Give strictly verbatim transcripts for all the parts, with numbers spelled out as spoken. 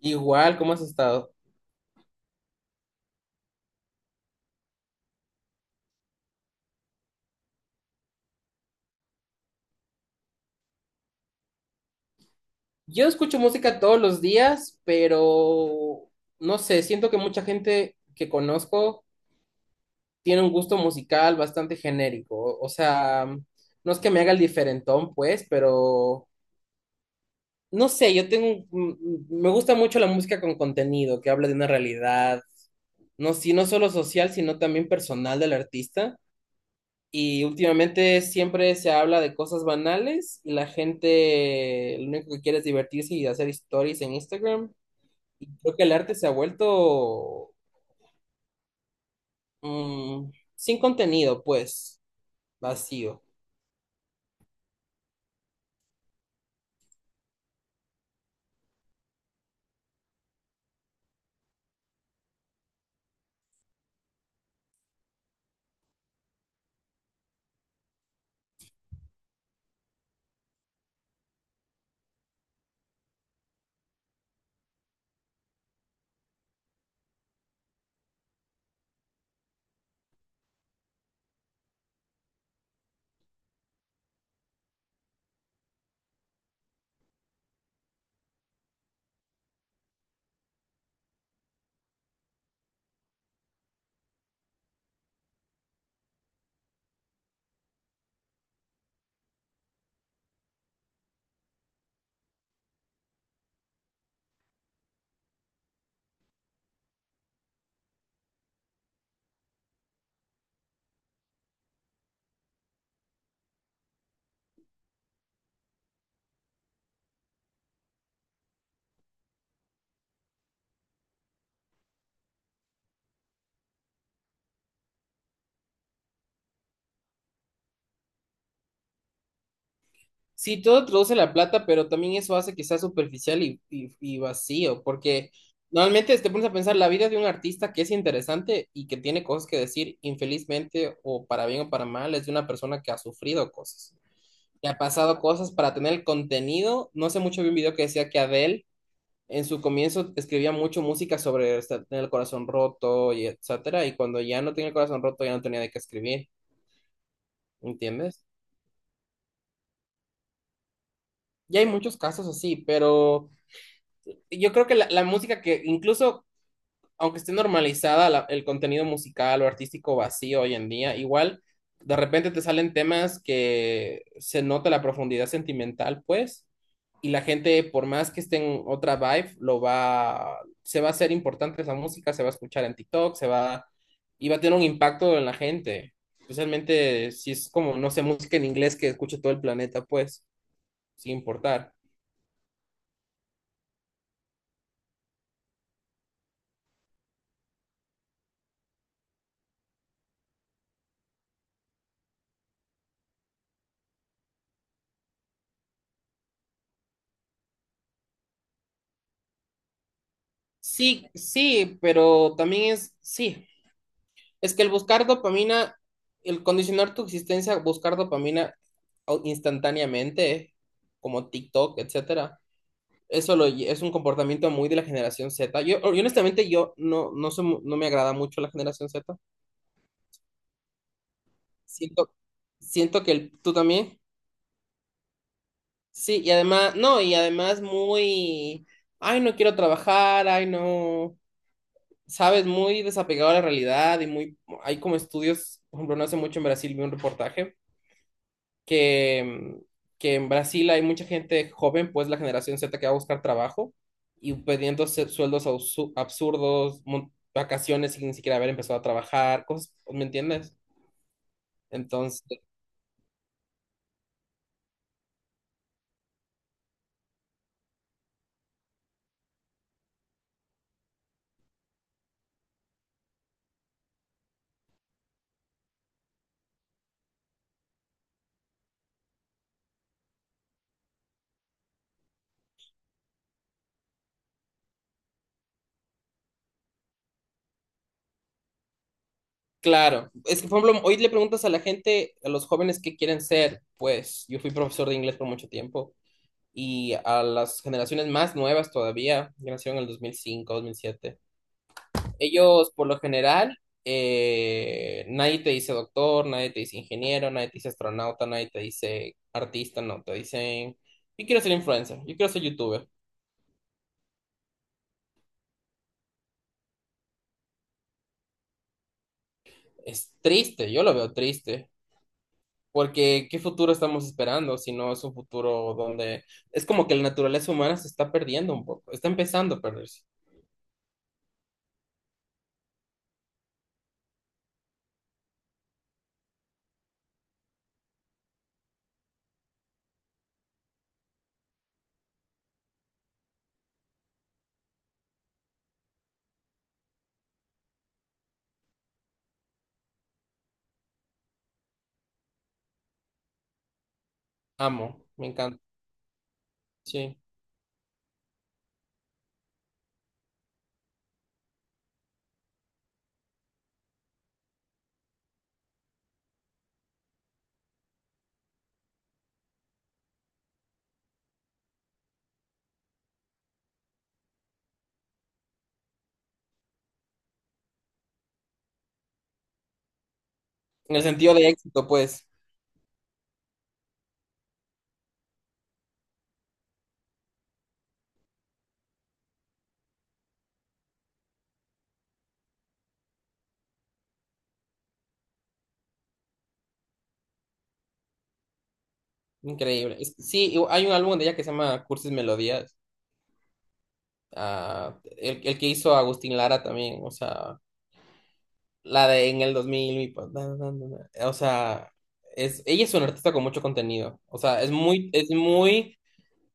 Igual, ¿cómo has estado? Yo escucho música todos los días, pero no sé, siento que mucha gente que conozco tiene un gusto musical bastante genérico. O sea, no es que me haga el diferentón, pues, pero no sé, yo tengo, un- mm, me gusta mucho la música con contenido, que habla de una realidad, no, si no solo social, sino también personal del artista. Y últimamente siempre se habla de cosas banales y la gente lo único que quiere es divertirse y hacer stories en Instagram. Y creo que el arte se ha vuelto mm, sin contenido, pues, vacío. Sí, todo produce la plata, pero también eso hace que sea superficial y, y- y vacío, porque normalmente te pones a pensar la vida de un artista que es interesante y que tiene cosas que decir, infelizmente o para bien o para mal, es de una persona que ha sufrido cosas, que ha pasado cosas para tener el contenido. No sé mucho, vi un video que decía que Adele en su comienzo escribía mucho música sobre o sea, tener el corazón roto y etcétera, y cuando ya no tenía el corazón roto ya no tenía de qué escribir, ¿entiendes? Y hay muchos casos así, pero yo creo que la, la música que incluso aunque esté normalizada la- el contenido musical o artístico vacío hoy en día, igual de repente te salen temas que se nota la profundidad sentimental, pues, y la gente, por más que esté en otra vibe, lo va, se va a hacer importante esa música, se va a escuchar en TikTok, se va, y va a tener un impacto en la gente. Especialmente si es como, no sé, música en inglés que escuche todo el planeta, pues, sin importar. Sí, sí, pero también es, sí, es que el buscar dopamina, el condicionar tu existencia a buscar dopamina au- instantáneamente, como TikTok, etcétera, eso lo lle- es un comportamiento muy de la generación Z. Yo, yo honestamente, yo no, no, soy mu- no me agrada mucho la generación Z. Siento, siento que el- tú también. Sí, y además, no, y además muy, ay, no quiero trabajar, ay, no, sabes, muy desapegado a la realidad y muy, hay como estudios, por ejemplo, no hace mucho en Brasil vi un reportaje que, que en Brasil hay mucha gente joven, pues la generación Z que va a buscar trabajo y pidiendo se- sueldos absu- absurdos, mon- vacaciones sin ni siquiera haber empezado a trabajar, cosas, ¿me entiendes? Entonces, claro, es que por ejemplo, hoy le preguntas a la gente, a los jóvenes qué quieren ser, pues yo fui profesor de inglés por mucho tiempo y a las generaciones más nuevas todavía, que nacieron en el dos dos mil cinco dos mil siete. Ellos, por lo general, eh, nadie te dice doctor, nadie te dice ingeniero, nadie te dice astronauta, nadie te dice artista, no, te dicen, yo quiero ser influencer, yo quiero ser youtuber. Es triste, yo lo veo triste, porque ¿qué futuro estamos esperando si no es un futuro donde es como que la naturaleza humana se está perdiendo un poco, está empezando a perderse. Amo, me encanta, sí. En el sentido de éxito, pues, increíble. Es- sí, y hay un álbum de ella que se llama Cursis Melodía, ah, el, el que hizo Agustín Lara también, o sea, la de en el dos mil, mi pa- na, na, na, na. O sea, es, ella es una artista con mucho contenido, o sea, es muy, es muy,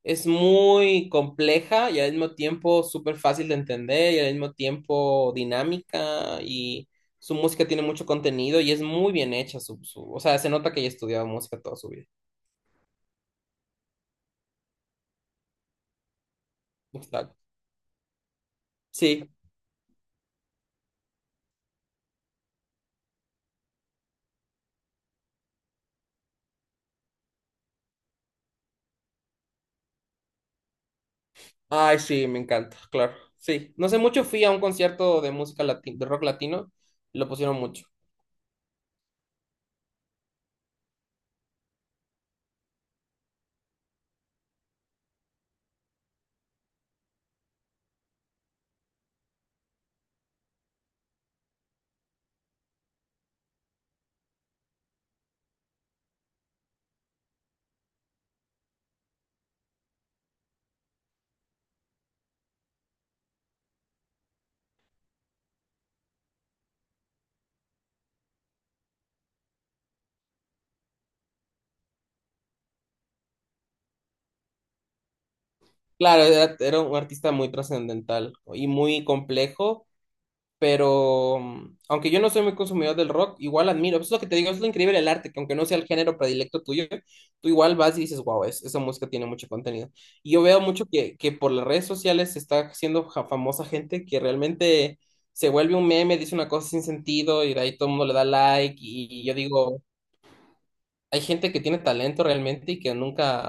es muy compleja y al mismo tiempo súper fácil de entender y al mismo tiempo dinámica y su música tiene mucho contenido y es muy bien hecha, su, su- o sea, se nota que ella ha estudiado música toda su vida. Exacto. Sí, ay, sí, me encanta, claro. Sí, no sé mucho, fui a un concierto de música latina, de rock latino, y lo pusieron mucho. Claro, era, era un artista muy trascendental y muy complejo, pero mm, aunque yo no soy muy consumidor del rock, igual admiro. Eso es lo que te digo, es lo increíble del arte, que aunque no sea el género predilecto tuyo, tú igual vas y dices, wow, es, esa música tiene mucho contenido. Y yo veo mucho que, que por las redes sociales se está haciendo ja- famosa gente que realmente se vuelve un meme, dice una cosa sin sentido y de ahí todo el mundo le da like y y yo digo... hay gente que tiene talento realmente y que nunca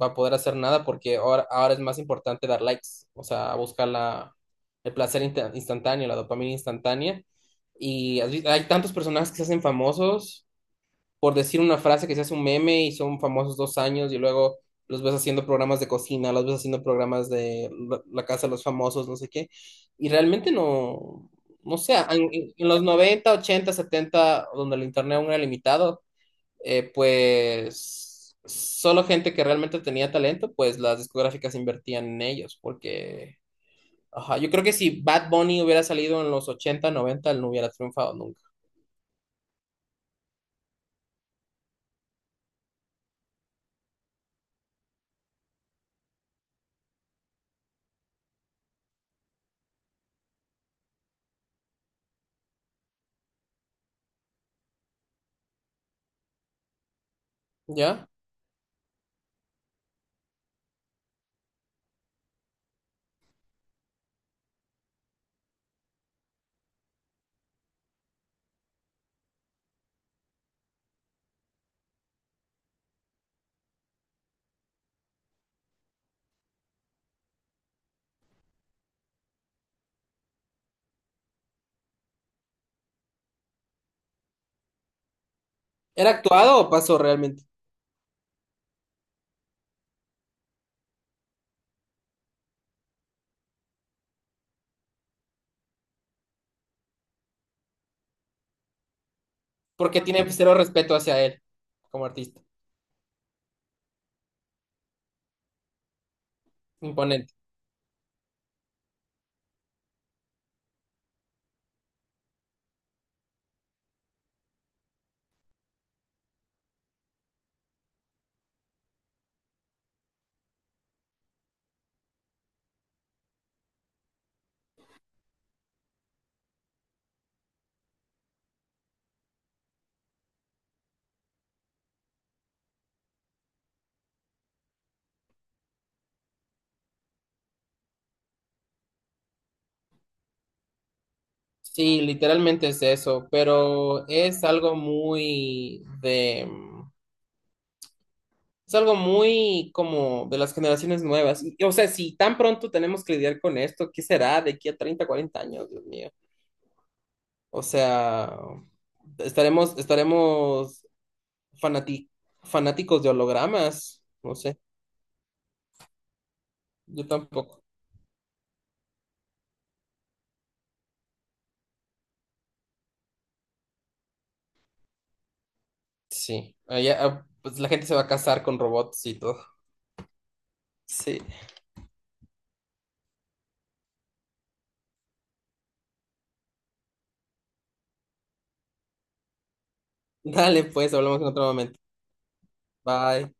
va a poder hacer nada porque ahora, ahora es más importante dar likes, o sea, buscar la, el placer insta- instantáneo, la dopamina instantánea. Y has vi- hay tantos personajes que se hacen famosos por decir una frase que se hace un meme y son famosos dos años y luego los ves haciendo programas de cocina, los ves haciendo programas de la la casa de los famosos, no sé qué. Y realmente no, no sé, en, en- en los noventa ochenta setenta donde el internet aún era limitado eh, pues solo gente que realmente tenía talento, pues las discográficas invertían en ellos, porque ajá, yo creo que si Bad Bunny hubiera salido en los ochenta noventa él no hubiera triunfado nunca, ¿ya? ¿Era actuado o pasó realmente? Porque tiene cero respeto hacia él como artista, imponente. Sí, literalmente es eso, pero es algo muy de. mm, Es algo muy como de las generaciones nuevas. Y, o sea, si tan pronto tenemos que lidiar con esto, ¿qué será de aquí a treinta cuarenta años, Dios mío? O sea, estaremos, estaremos fanati- fanáticos de hologramas. No sé, yo tampoco. Sí, allá, ah, pues la gente se va a casar con robots y todo. Sí. Dale, pues, hablamos en otro momento. Bye.